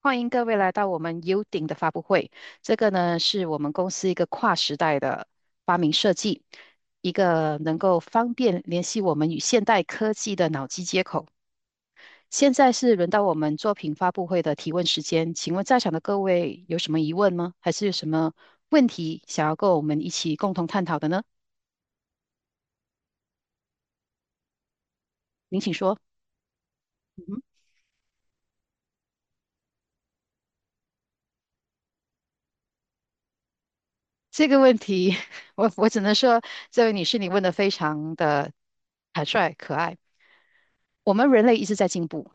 欢迎各位来到我们 U 顶的发布会。这个呢，是我们公司一个跨时代的发明设计，一个能够方便联系我们与现代科技的脑机接口。现在是轮到我们作品发布会的提问时间，请问在场的各位有什么疑问吗？还是有什么问题想要跟我们一起共同探讨的呢？您请说。嗯，这个问题，我只能说，这位女士，你问的非常的坦率可爱。我们人类一直在进步，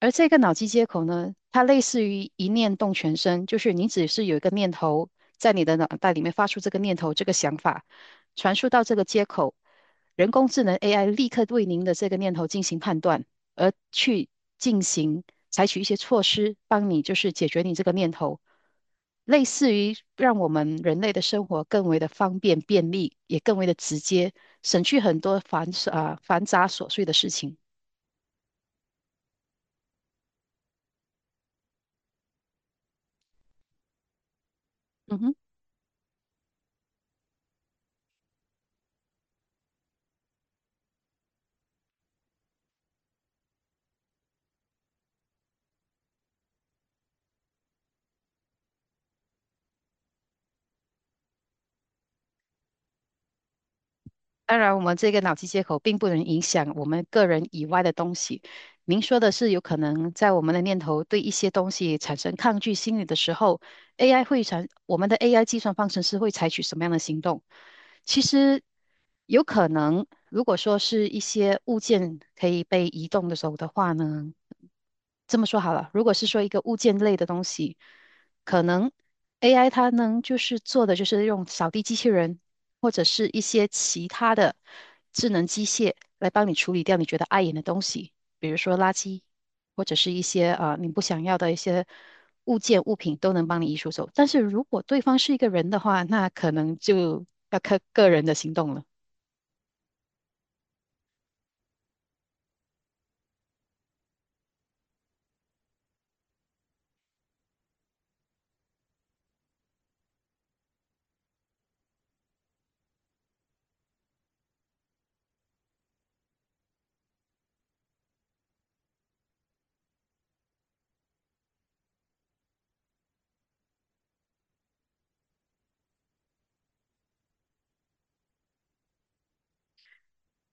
而这个脑机接口呢，它类似于一念动全身，就是你只是有一个念头在你的脑袋里面发出这个念头、这个想法，传输到这个接口，人工智能 AI 立刻对您的这个念头进行判断，而去进行采取一些措施，帮你就是解决你这个念头，类似于让我们人类的生活更为的方便便利，也更为的直接，省去很多繁琐啊繁杂琐碎的事情。嗯哼。当然，我们这个脑机接口并不能影响我们个人以外的东西。您说的是，有可能在我们的念头对一些东西产生抗拒心理的时候，AI 会产，我们的 AI 计算方程式会采取什么样的行动？其实有可能，如果说是一些物件可以被移动的时候的话呢，这么说好了，如果是说一个物件类的东西，可能 AI 它能就是做的就是用扫地机器人。或者是一些其他的智能机械来帮你处理掉你觉得碍眼的东西，比如说垃圾，或者是一些啊、你不想要的一些物件物品都能帮你移除走。但是如果对方是一个人的话，那可能就要看个人的行动了。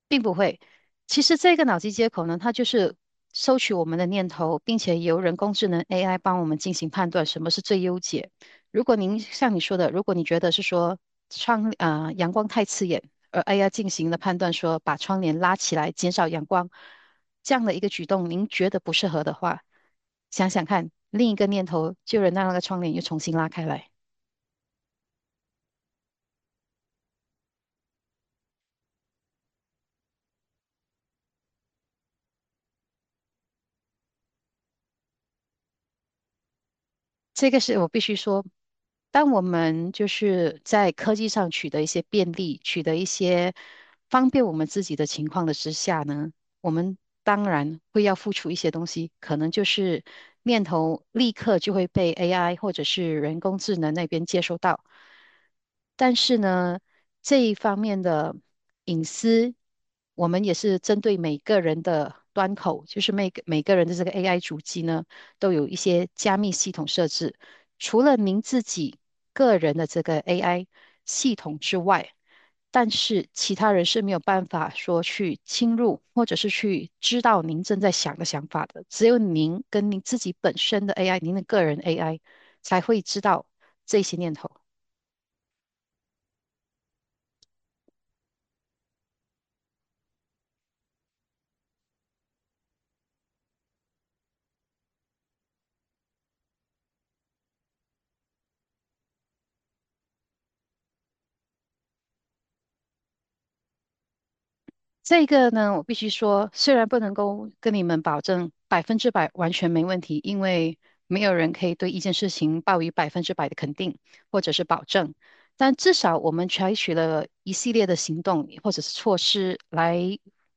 并不会。其实这个脑机接口呢，它就是收取我们的念头，并且由人工智能 AI 帮我们进行判断什么是最优解。如果您像你说的，如果你觉得是说窗啊、阳光太刺眼，而 AI 进行了判断说把窗帘拉起来减少阳光这样的一个举动，您觉得不适合的话，想想看，另一个念头就能让那个窗帘又重新拉开来。这个是我必须说，当我们就是在科技上取得一些便利，取得一些方便我们自己的情况的之下呢，我们当然会要付出一些东西，可能就是念头立刻就会被 AI 或者是人工智能那边接收到。但是呢，这一方面的隐私，我们也是针对每个人的端口，就是每个人的这个 AI 主机呢。都有一些加密系统设置。除了您自己个人的这个 AI 系统之外，但是其他人是没有办法说去侵入，或者是去知道您正在想的想法的。只有您跟您自己本身的 AI，您的个人 AI 才会知道这些念头。这个呢，我必须说，虽然不能够跟你们保证百分之百完全没问题，因为没有人可以对一件事情抱以百分之百的肯定或者是保证，但至少我们采取了一系列的行动或者是措施来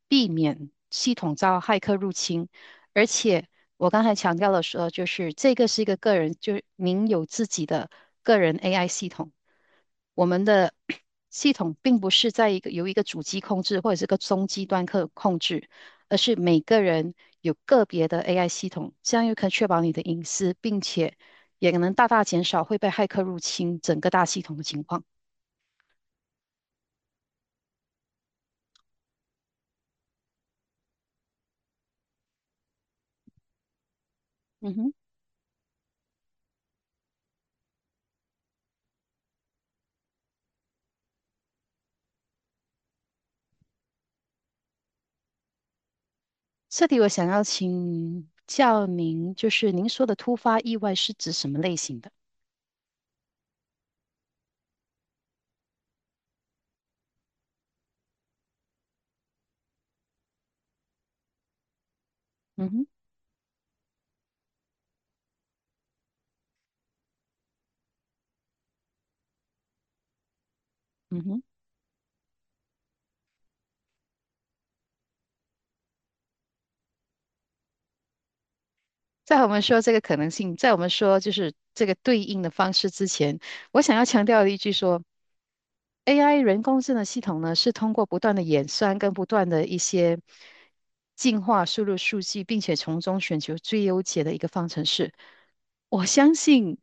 避免系统遭骇客入侵。而且我刚才强调了说，就是这个是一个个人，就是您有自己的个人 AI 系统。我们的 系统并不是在一个由一个主机控制或者是个中低端客控制，而是每个人有个别的 AI 系统，这样又可以确保你的隐私，并且也能大大减少会被骇客入侵整个大系统的情况。嗯哼，这里我想要请教您，就是您说的突发意外是指什么类型的？嗯哼，嗯哼。在我们说这个可能性，在我们说就是这个对应的方式之前，我想要强调的一句说，AI 人工智能系统呢是通过不断的演算跟不断的一些进化输入数据，并且从中寻求最优解的一个方程式。我相信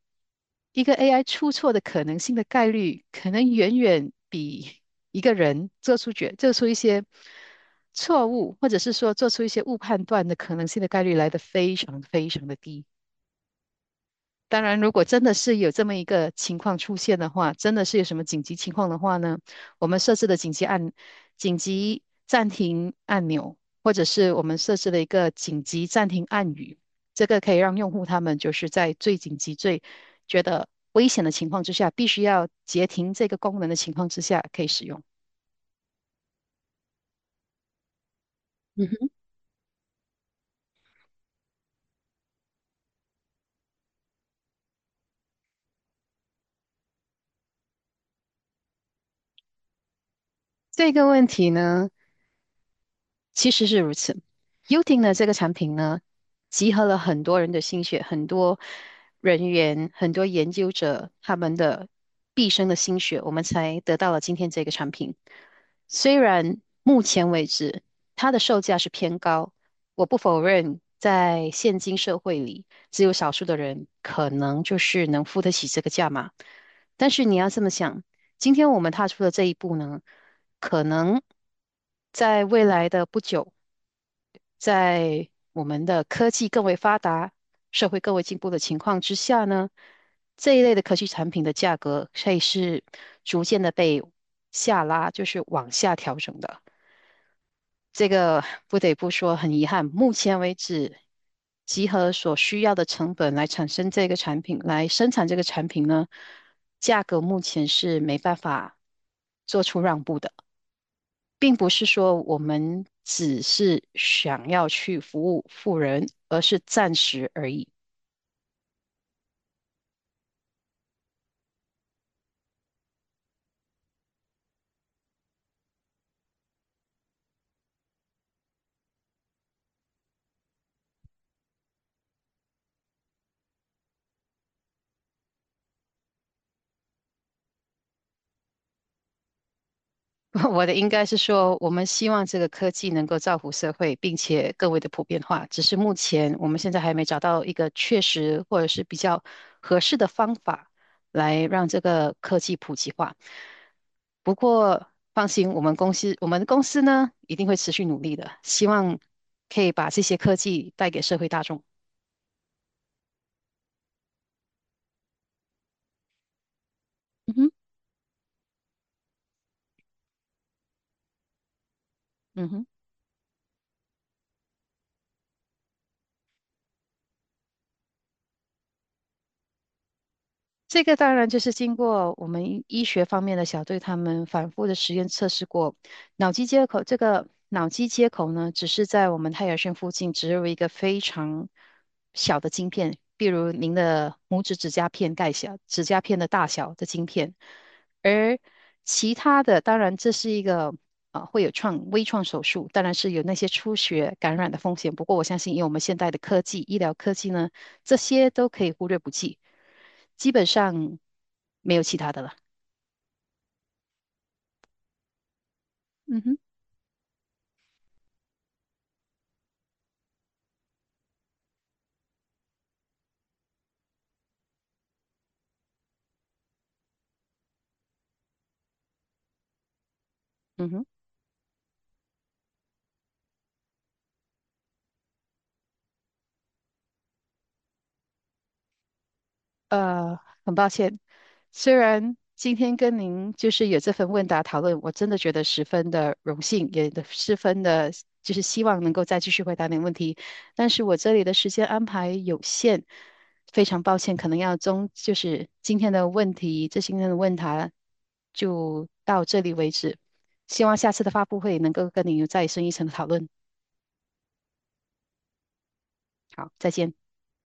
一个 AI 出错的可能性的概率，可能远远比一个人做出做出一些错误，或者是说做出一些误判断的可能性的概率来得非常非常的低。当然，如果真的是有这么一个情况出现的话，真的是有什么紧急情况的话呢，我们设置的紧急暂停按钮，或者是我们设置了一个紧急暂停按语，这个可以让用户他们就是在最紧急、最觉得危险的情况之下，必须要截停这个功能的情况之下可以使用。嗯哼，这个问题呢，其实是如此。Uting 呢，这个产品呢，集合了很多人的心血，很多人员，很多研究者他们的毕生的心血，我们才得到了今天这个产品。虽然目前为止它的售价是偏高，我不否认，在现今社会里，只有少数的人可能就是能付得起这个价码。但是你要这么想，今天我们踏出的这一步呢？可能在未来的不久，在我们的科技更为发达、社会更为进步的情况之下呢，这一类的科技产品的价格会是逐渐的被下拉，就是往下调整的。这个不得不说很遗憾，目前为止，集合所需要的成本来产生这个产品，来生产这个产品呢，价格目前是没办法做出让步的。并不是说我们只是想要去服务富人，而是暂时而已。我的应该是说，我们希望这个科技能够造福社会，并且更为的普遍化。只是目前我们现在还没找到一个确实或者是比较合适的方法来让这个科技普及化。不过放心，我们公司呢一定会持续努力的，希望可以把这些科技带给社会大众。嗯哼，嗯哼。这个当然就是经过我们医学方面的小队他们反复的实验测试过，脑机接口这个脑机接口呢，只是在我们太阳穴附近植入一个非常小的晶片，比如您的拇指指甲片盖小，指甲片的大小的晶片，而其他的当然这是一个。啊，会有微创手术，当然是有那些出血感染的风险。不过我相信，以我们现代的科技、医疗科技呢，这些都可以忽略不计。基本上没有其他的了。嗯哼，嗯哼，呃，很抱歉，虽然今天跟您就是有这份问答讨论，我真的觉得十分的荣幸，也的十分的，就是希望能够再继续回答您问题，但是我这里的时间安排有限，非常抱歉，可能要中，就是今天的问题，今天的问答就到这里为止，希望下次的发布会能够跟您有再深一层的讨论。好，再见。